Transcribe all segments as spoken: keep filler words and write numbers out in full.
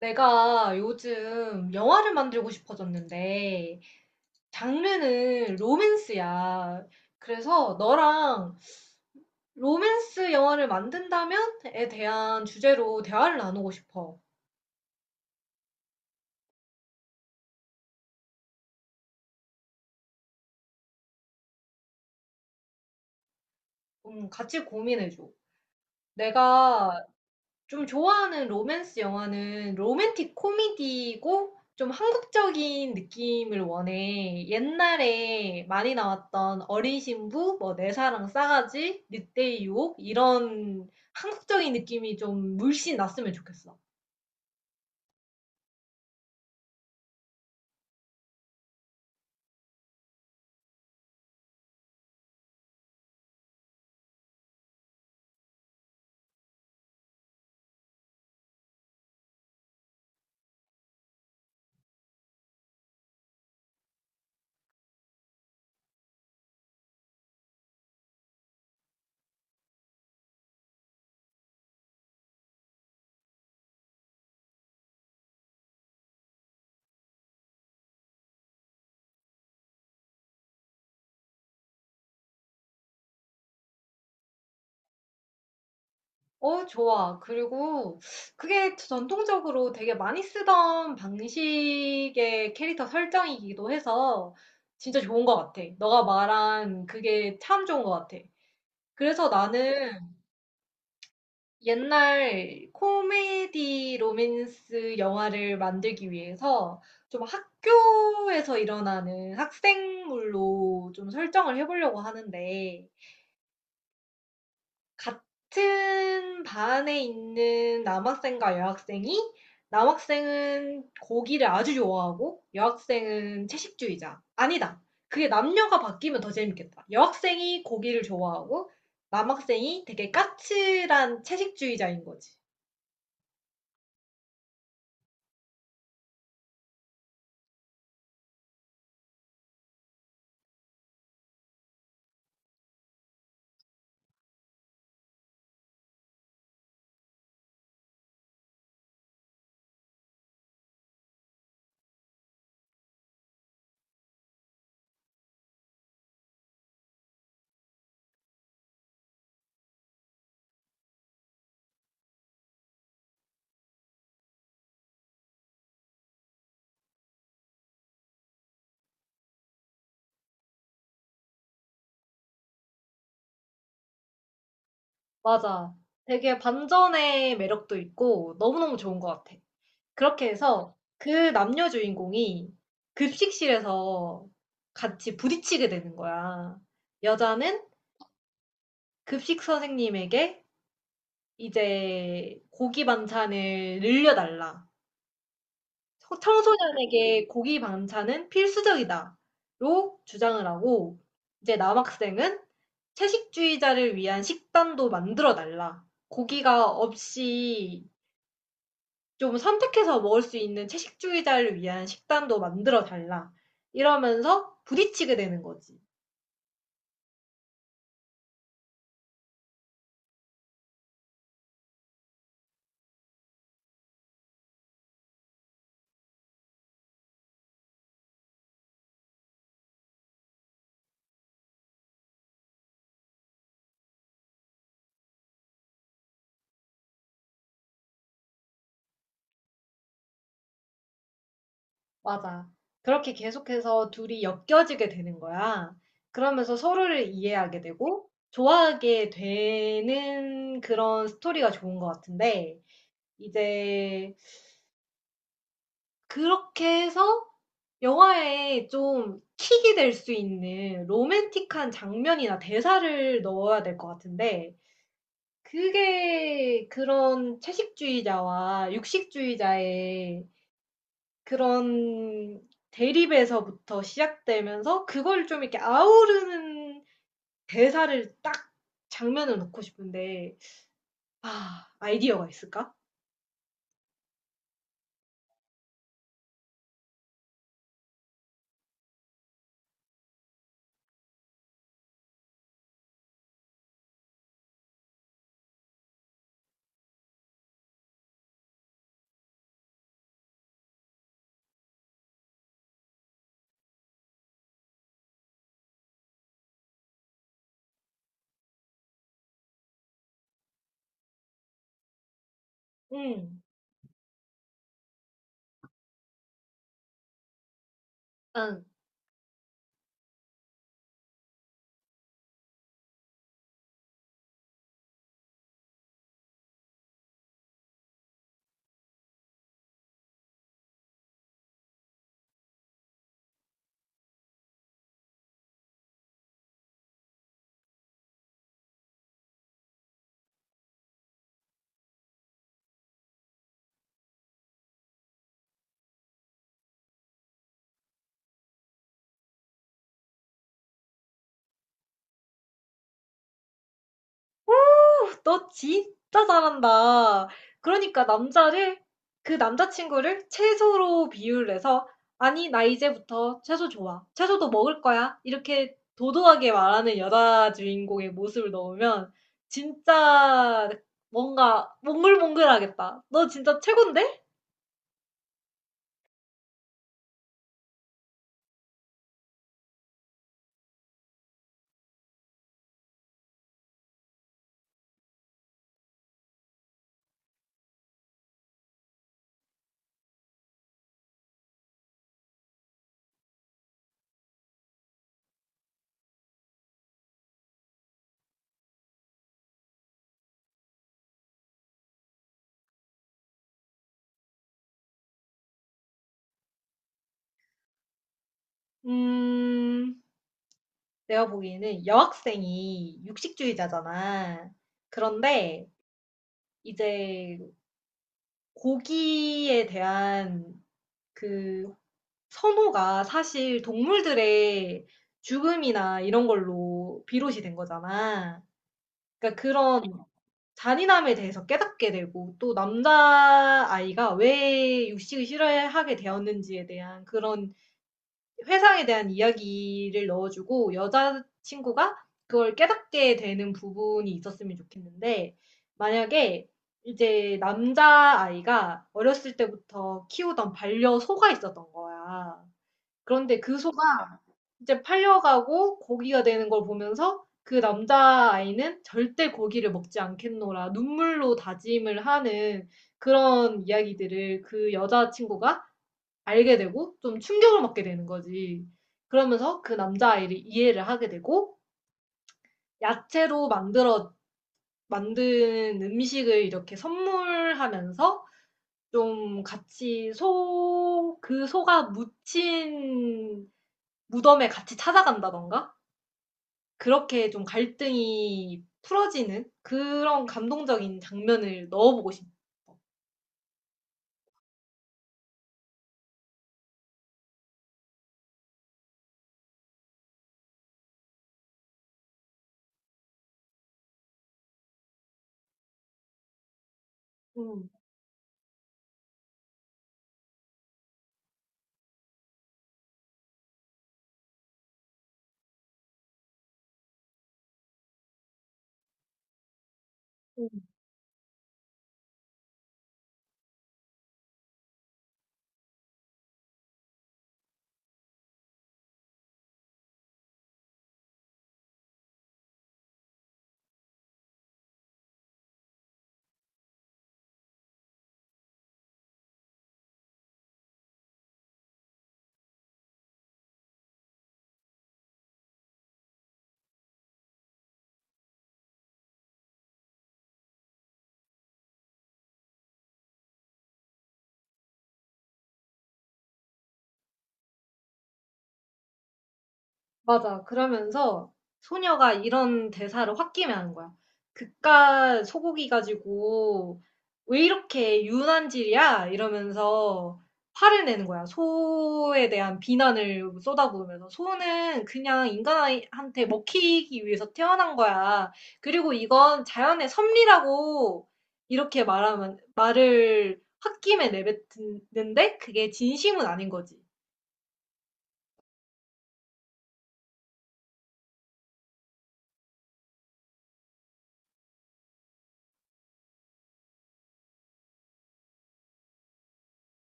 내가 요즘 영화를 만들고 싶어졌는데, 장르는 로맨스야. 그래서 너랑 로맨스 영화를 만든다면에 대한 주제로 대화를 나누고 싶어. 좀 같이 고민해줘. 내가 좀 좋아하는 로맨스 영화는 로맨틱 코미디고 좀 한국적인 느낌을 원해. 옛날에 많이 나왔던 어린 신부, 뭐 내 사랑 싸가지, 늑대의 유혹 이런 한국적인 느낌이 좀 물씬 났으면 좋겠어. 어, 좋아. 그리고 그게 전통적으로 되게 많이 쓰던 방식의 캐릭터 설정이기도 해서 진짜 좋은 것 같아. 너가 말한 그게 참 좋은 것 같아. 그래서 나는 옛날 코미디 로맨스 영화를 만들기 위해서 좀 학교에서 일어나는 학생물로 좀 설정을 해 보려고 하는데 같은 반에 있는 남학생과 여학생이 남학생은 고기를 아주 좋아하고 여학생은 채식주의자. 아니다. 그게 남녀가 바뀌면 더 재밌겠다. 여학생이 고기를 좋아하고 남학생이 되게 까칠한 채식주의자인 거지. 맞아. 되게 반전의 매력도 있고 너무너무 좋은 것 같아. 그렇게 해서 그 남녀 주인공이 급식실에서 같이 부딪히게 되는 거야. 여자는 급식 선생님에게 이제 고기 반찬을 늘려달라. 청- 청소년에게 고기 반찬은 필수적이다로 주장을 하고 이제 남학생은 채식주의자를 위한 식단도 만들어 달라. 고기가 없이 좀 선택해서 먹을 수 있는 채식주의자를 위한 식단도 만들어 달라. 이러면서 부딪히게 되는 거지. 맞아. 그렇게 계속해서 둘이 엮여지게 되는 거야. 그러면서 서로를 이해하게 되고 좋아하게 되는 그런 스토리가 좋은 것 같은데, 이제 그렇게 해서 영화에 좀 킥이 될 수 있는 로맨틱한 장면이나 대사를 넣어야 될 것 같은데, 그게 그런 채식주의자와 육식주의자의 그런 대립에서부터 시작되면서 그걸 좀 이렇게 아우르는 대사를 딱 장면을 넣고 싶은데 아, 아이디어가 있을까? 응. 아, 너 진짜 잘한다. 그러니까 남자를 그 남자친구를 채소로 비유를 해서 "아니 나 이제부터 채소 좋아. 채소도 먹을 거야." 이렇게 도도하게 말하는 여자 주인공의 모습을 넣으면 진짜 뭔가 몽글몽글하겠다. 너 진짜 최곤데? 음. 내가 보기에는 여학생이 육식주의자잖아. 그런데 이제 고기에 대한 그 선호가 사실 동물들의 죽음이나 이런 걸로 비롯이 된 거잖아. 그러니까 그런 잔인함에 대해서 깨닫게 되고 또 남자아이가 왜 육식을 싫어하게 되었는지에 대한 그런 회상에 대한 이야기를 넣어주고 여자친구가 그걸 깨닫게 되는 부분이 있었으면 좋겠는데 만약에 이제 남자아이가 어렸을 때부터 키우던 반려소가 있었던 거야. 그런데 그 소가 이제 팔려가고 고기가 되는 걸 보면서 그 남자아이는 '절대 고기를 먹지 않겠노라.' 눈물로 다짐을 하는 그런 이야기들을 그 여자친구가 알게 되고 좀 충격을 먹게 되는 거지. 그러면서 그 남자아이를 이해를 하게 되고 야채로 만들어 만든 음식을 이렇게 선물하면서 좀 같이 소 그 소가 묻힌 무덤에 같이 찾아간다던가 그렇게 좀 갈등이 풀어지는 그런 감동적인 장면을 넣어보고 싶어. 음. 음. 맞아. 그러면서 소녀가 이런 대사를 홧김에하는 거야. "그깟 소고기 가지고 왜 이렇게 유난질이야?" 이러면서 화를 내는 거야. 소에 대한 비난을 쏟아부으면서. "소는 그냥 인간한테 먹히기 위해서 태어난 거야. 그리고 이건 자연의 섭리라고." 이렇게 말하면 말을 홧김에 내뱉는데 그게 진심은 아닌 거지.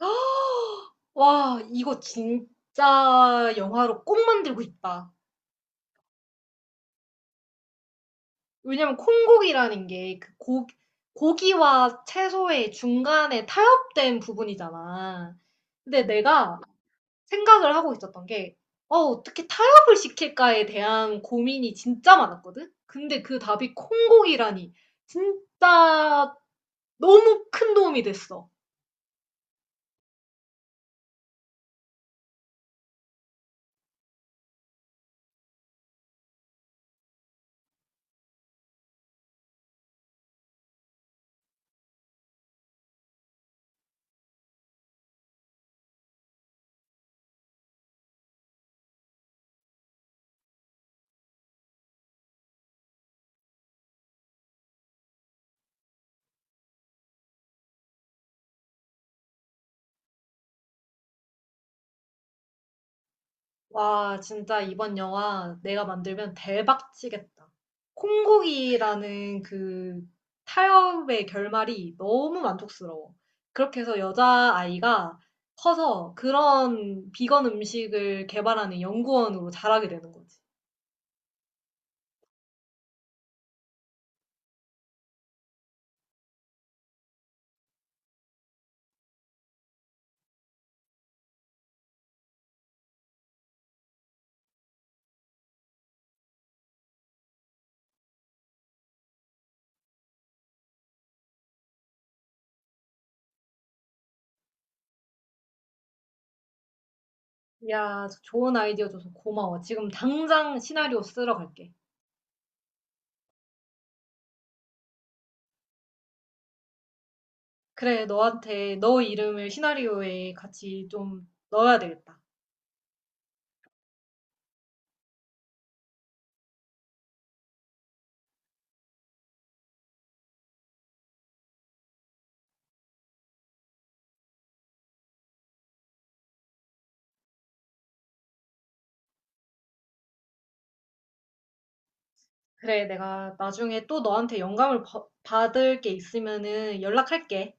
와 이거 진짜 영화로 꼭 만들고 싶다. 왜냐면 콩고기라는 게 그 고 고기와 채소의 중간에 타협된 부분이잖아. 근데 내가 생각을 하고 있었던 게 '어 어떻게 타협을 시킬까.'에 대한 고민이 진짜 많았거든. 근데 그 답이 콩고기라니 진짜 너무 큰 도움이 됐어. 와, 진짜 이번 영화 내가 만들면 대박 치겠다. 콩고기라는 그 타협의 결말이 너무 만족스러워. 그렇게 해서 여자아이가 커서 그런 비건 음식을 개발하는 연구원으로 자라게 되는 거지. 야, 좋은 아이디어 줘서 고마워. 지금 당장 시나리오 쓰러 갈게. 그래, 너한테 너 이름을 시나리오에 같이 좀 넣어야 되겠다. 그래, 내가 나중에 또 너한테 영감을 버- 받을 게 있으면은 연락할게.